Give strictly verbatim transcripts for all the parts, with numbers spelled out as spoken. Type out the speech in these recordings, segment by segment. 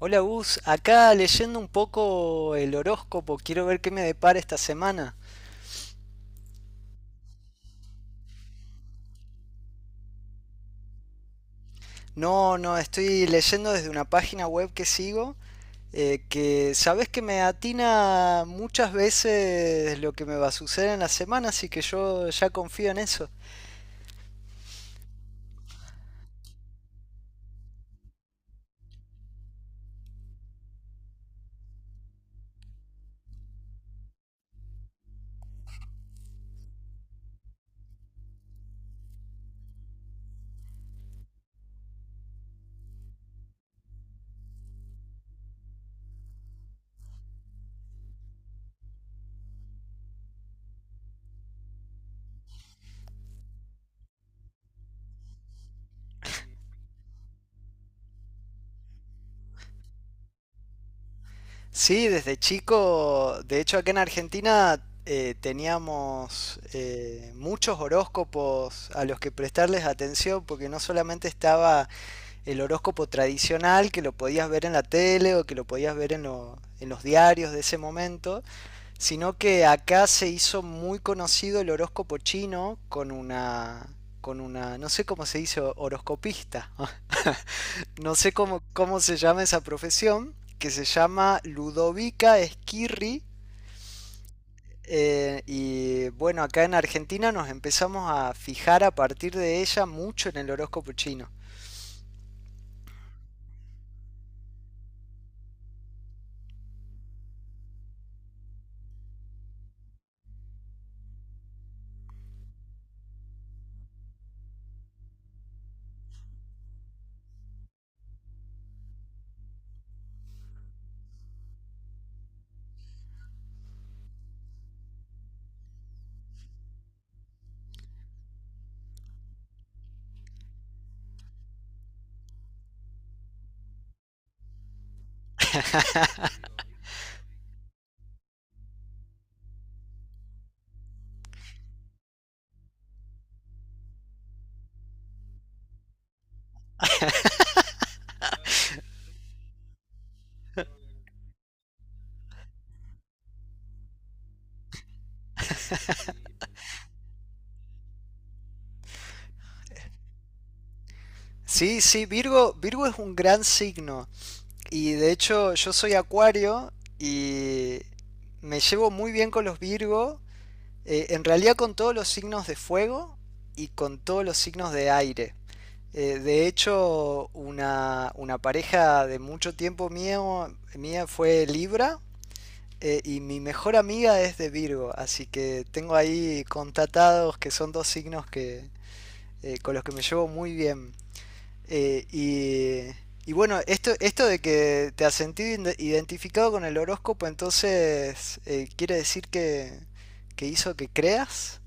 Hola Gus, acá leyendo un poco el horóscopo, quiero ver qué me depara esta semana. No, no, estoy leyendo desde una página web que sigo, eh, que sabes que me atina muchas veces lo que me va a suceder en la semana, así que yo ya confío en eso. Sí, desde chico, de hecho acá en Argentina eh, teníamos eh, muchos horóscopos a los que prestarles atención, porque no solamente estaba el horóscopo tradicional que lo podías ver en la tele o que lo podías ver en, lo- en los diarios de ese momento, sino que acá se hizo muy conocido el horóscopo chino con una, con una, no sé cómo se dice, horoscopista, no sé cómo, cómo se llama esa profesión, que se llama Ludovica Esquirri. Eh, y bueno, acá en Argentina nos empezamos a fijar a partir de ella mucho en el horóscopo chino. Sí, sí, Virgo, Virgo es un gran signo. Y de hecho, yo soy Acuario y me llevo muy bien con los Virgo, eh, en realidad con todos los signos de fuego y con todos los signos de aire. Eh, de hecho, una, una pareja de mucho tiempo mío, mía fue Libra, eh, y mi mejor amiga es de Virgo, así que tengo ahí contatados que son dos signos que, eh, con los que me llevo muy bien. Eh, y, y bueno, esto, esto de que te has sentido identificado con el horóscopo, entonces eh, quiere decir que, que hizo que creas.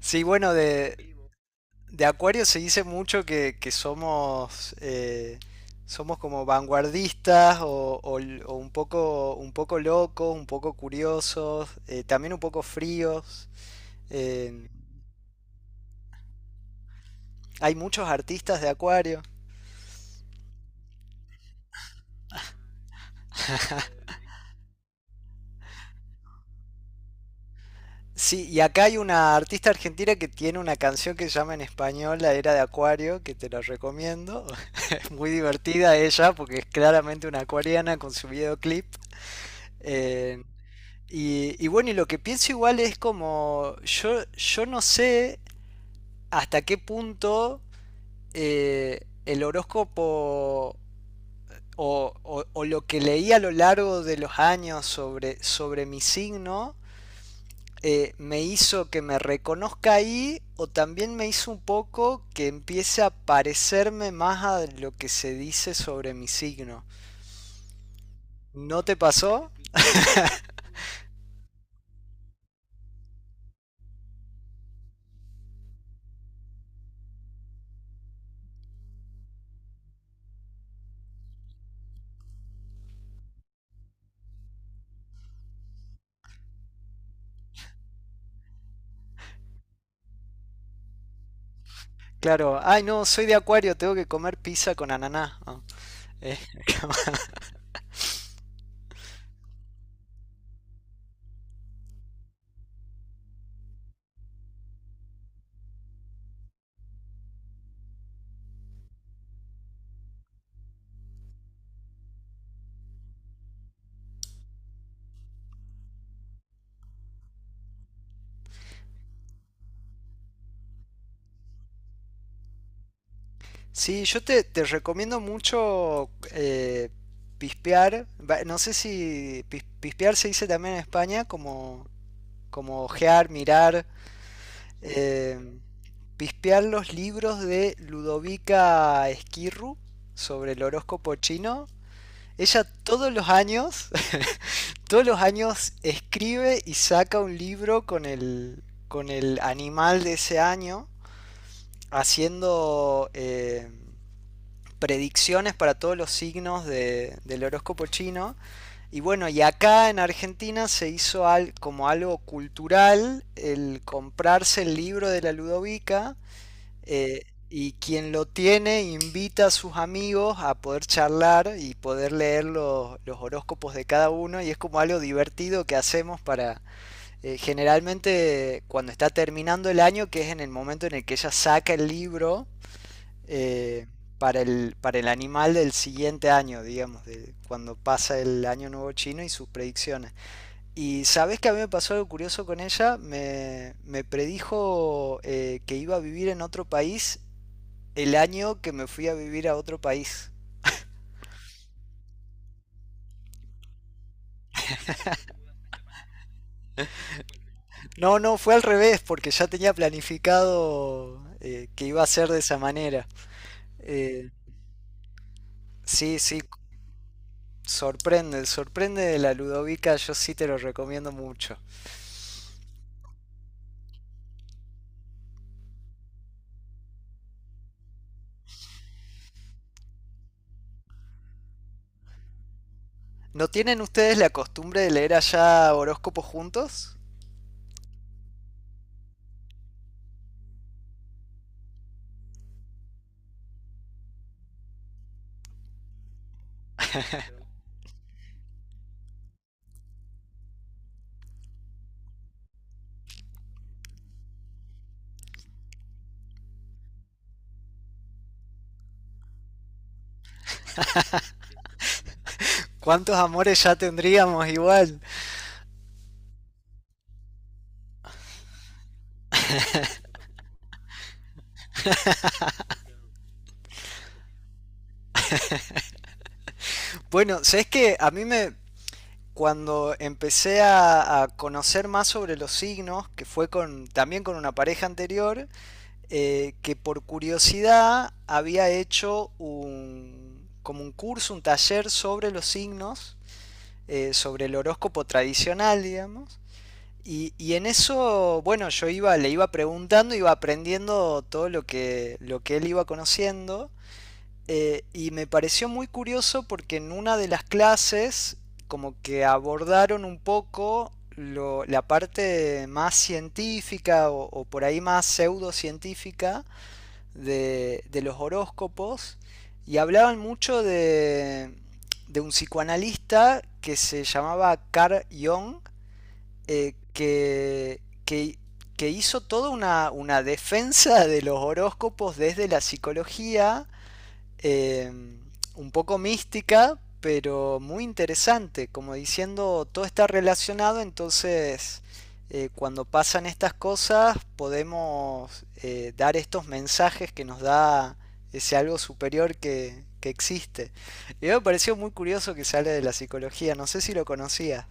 Sí, bueno, de, de Acuario se dice mucho que, que somos, eh, somos como vanguardistas o, o o un poco, un poco locos, un poco curiosos, eh, también un poco fríos. Eh, Hay muchos artistas de Acuario. Sí, y acá hay una artista argentina que tiene una canción que se llama en español La Era de Acuario, que te la recomiendo. Es muy divertida ella porque es claramente una acuariana con su videoclip. Eh, y, y bueno, y lo que pienso igual es como, yo, yo no sé hasta qué punto eh, el horóscopo o, o- o lo que leí a lo largo de los años sobre, sobre mi signo, eh, me hizo que me reconozca ahí o también me hizo un poco que empiece a parecerme más a lo que se dice sobre mi signo. ¿No te pasó? Claro, ay no, soy de Acuario, tengo que comer pizza con ananá. Ah, eh. Sí, yo te, te recomiendo mucho, eh, pispear, va, no sé si pis- pispear se dice también en España como, como ojear, mirar. Eh, Pispear los libros de Ludovica Esquirru sobre el horóscopo chino. Ella todos los años, todos los años escribe y saca un libro con el, con el animal de ese año, haciendo eh, predicciones para todos los signos de- del horóscopo chino. Y bueno, y acá en Argentina se hizo al- como algo cultural el comprarse el libro de la Ludovica, eh, y quien lo tiene invita a sus amigos a poder charlar y poder leer los, los horóscopos de cada uno, y es como algo divertido que hacemos para, eh, generalmente cuando está terminando el año, que es en el momento en el que ella saca el libro eh, para el, para el animal del siguiente año, digamos, de cuando pasa el año nuevo chino y sus predicciones. Y sabes que a mí me pasó algo curioso con ella, me, me predijo, eh, que iba a vivir en otro país el año que me fui a vivir a otro país. No, no, fue al revés, porque ya tenía planificado, eh, que iba a ser de esa manera. Eh, sí, sí, sorprende, sorprende de la Ludovica, yo sí te lo recomiendo mucho. ¿No tienen ustedes la costumbre de leer allá horóscopos juntos? ¿Cuántos amores ya tendríamos igual? Bueno, sabes que a mí me, cuando empecé a, a conocer más sobre los signos, que fue con también con una pareja anterior, eh, que por curiosidad había hecho un, como un curso, un taller sobre los signos, eh, sobre el horóscopo tradicional, digamos. Y, y, en eso, bueno, yo iba, le iba preguntando, iba aprendiendo todo lo que, lo que él iba conociendo. Eh, y me pareció muy curioso porque en una de las clases como que abordaron un poco lo, la parte más científica o, o por ahí más pseudocientífica de, de los horóscopos y hablaban mucho de, de un psicoanalista que se llamaba Carl Jung, eh, que, que, que hizo toda una, una defensa de los horóscopos desde la psicología, eh, un poco mística, pero muy interesante, como diciendo todo está relacionado, entonces, eh, cuando pasan estas cosas podemos, eh, dar estos mensajes que nos da ese algo superior que, que existe. Y me pareció muy curioso que sale de la psicología, no sé si lo conocías.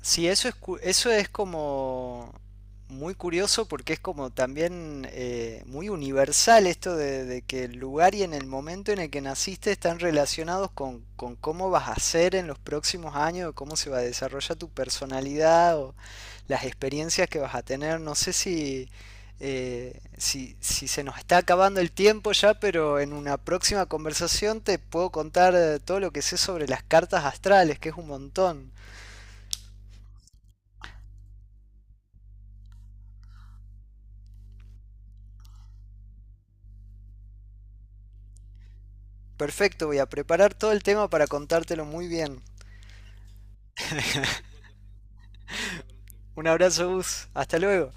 Sí, eso es, cu- eso es como muy curioso porque es como también, eh, muy universal esto de, de que el lugar y en el momento en el que naciste están relacionados con, con cómo vas a ser en los próximos años, cómo se va a desarrollar tu personalidad o las experiencias que vas a tener. No sé si, eh, si, si se nos está acabando el tiempo ya, pero en una próxima conversación te puedo contar, eh, todo lo que sé sobre las cartas astrales, que es un montón. Perfecto, voy a preparar todo el tema para contártelo muy bien. Un abrazo, Gus. Hasta luego.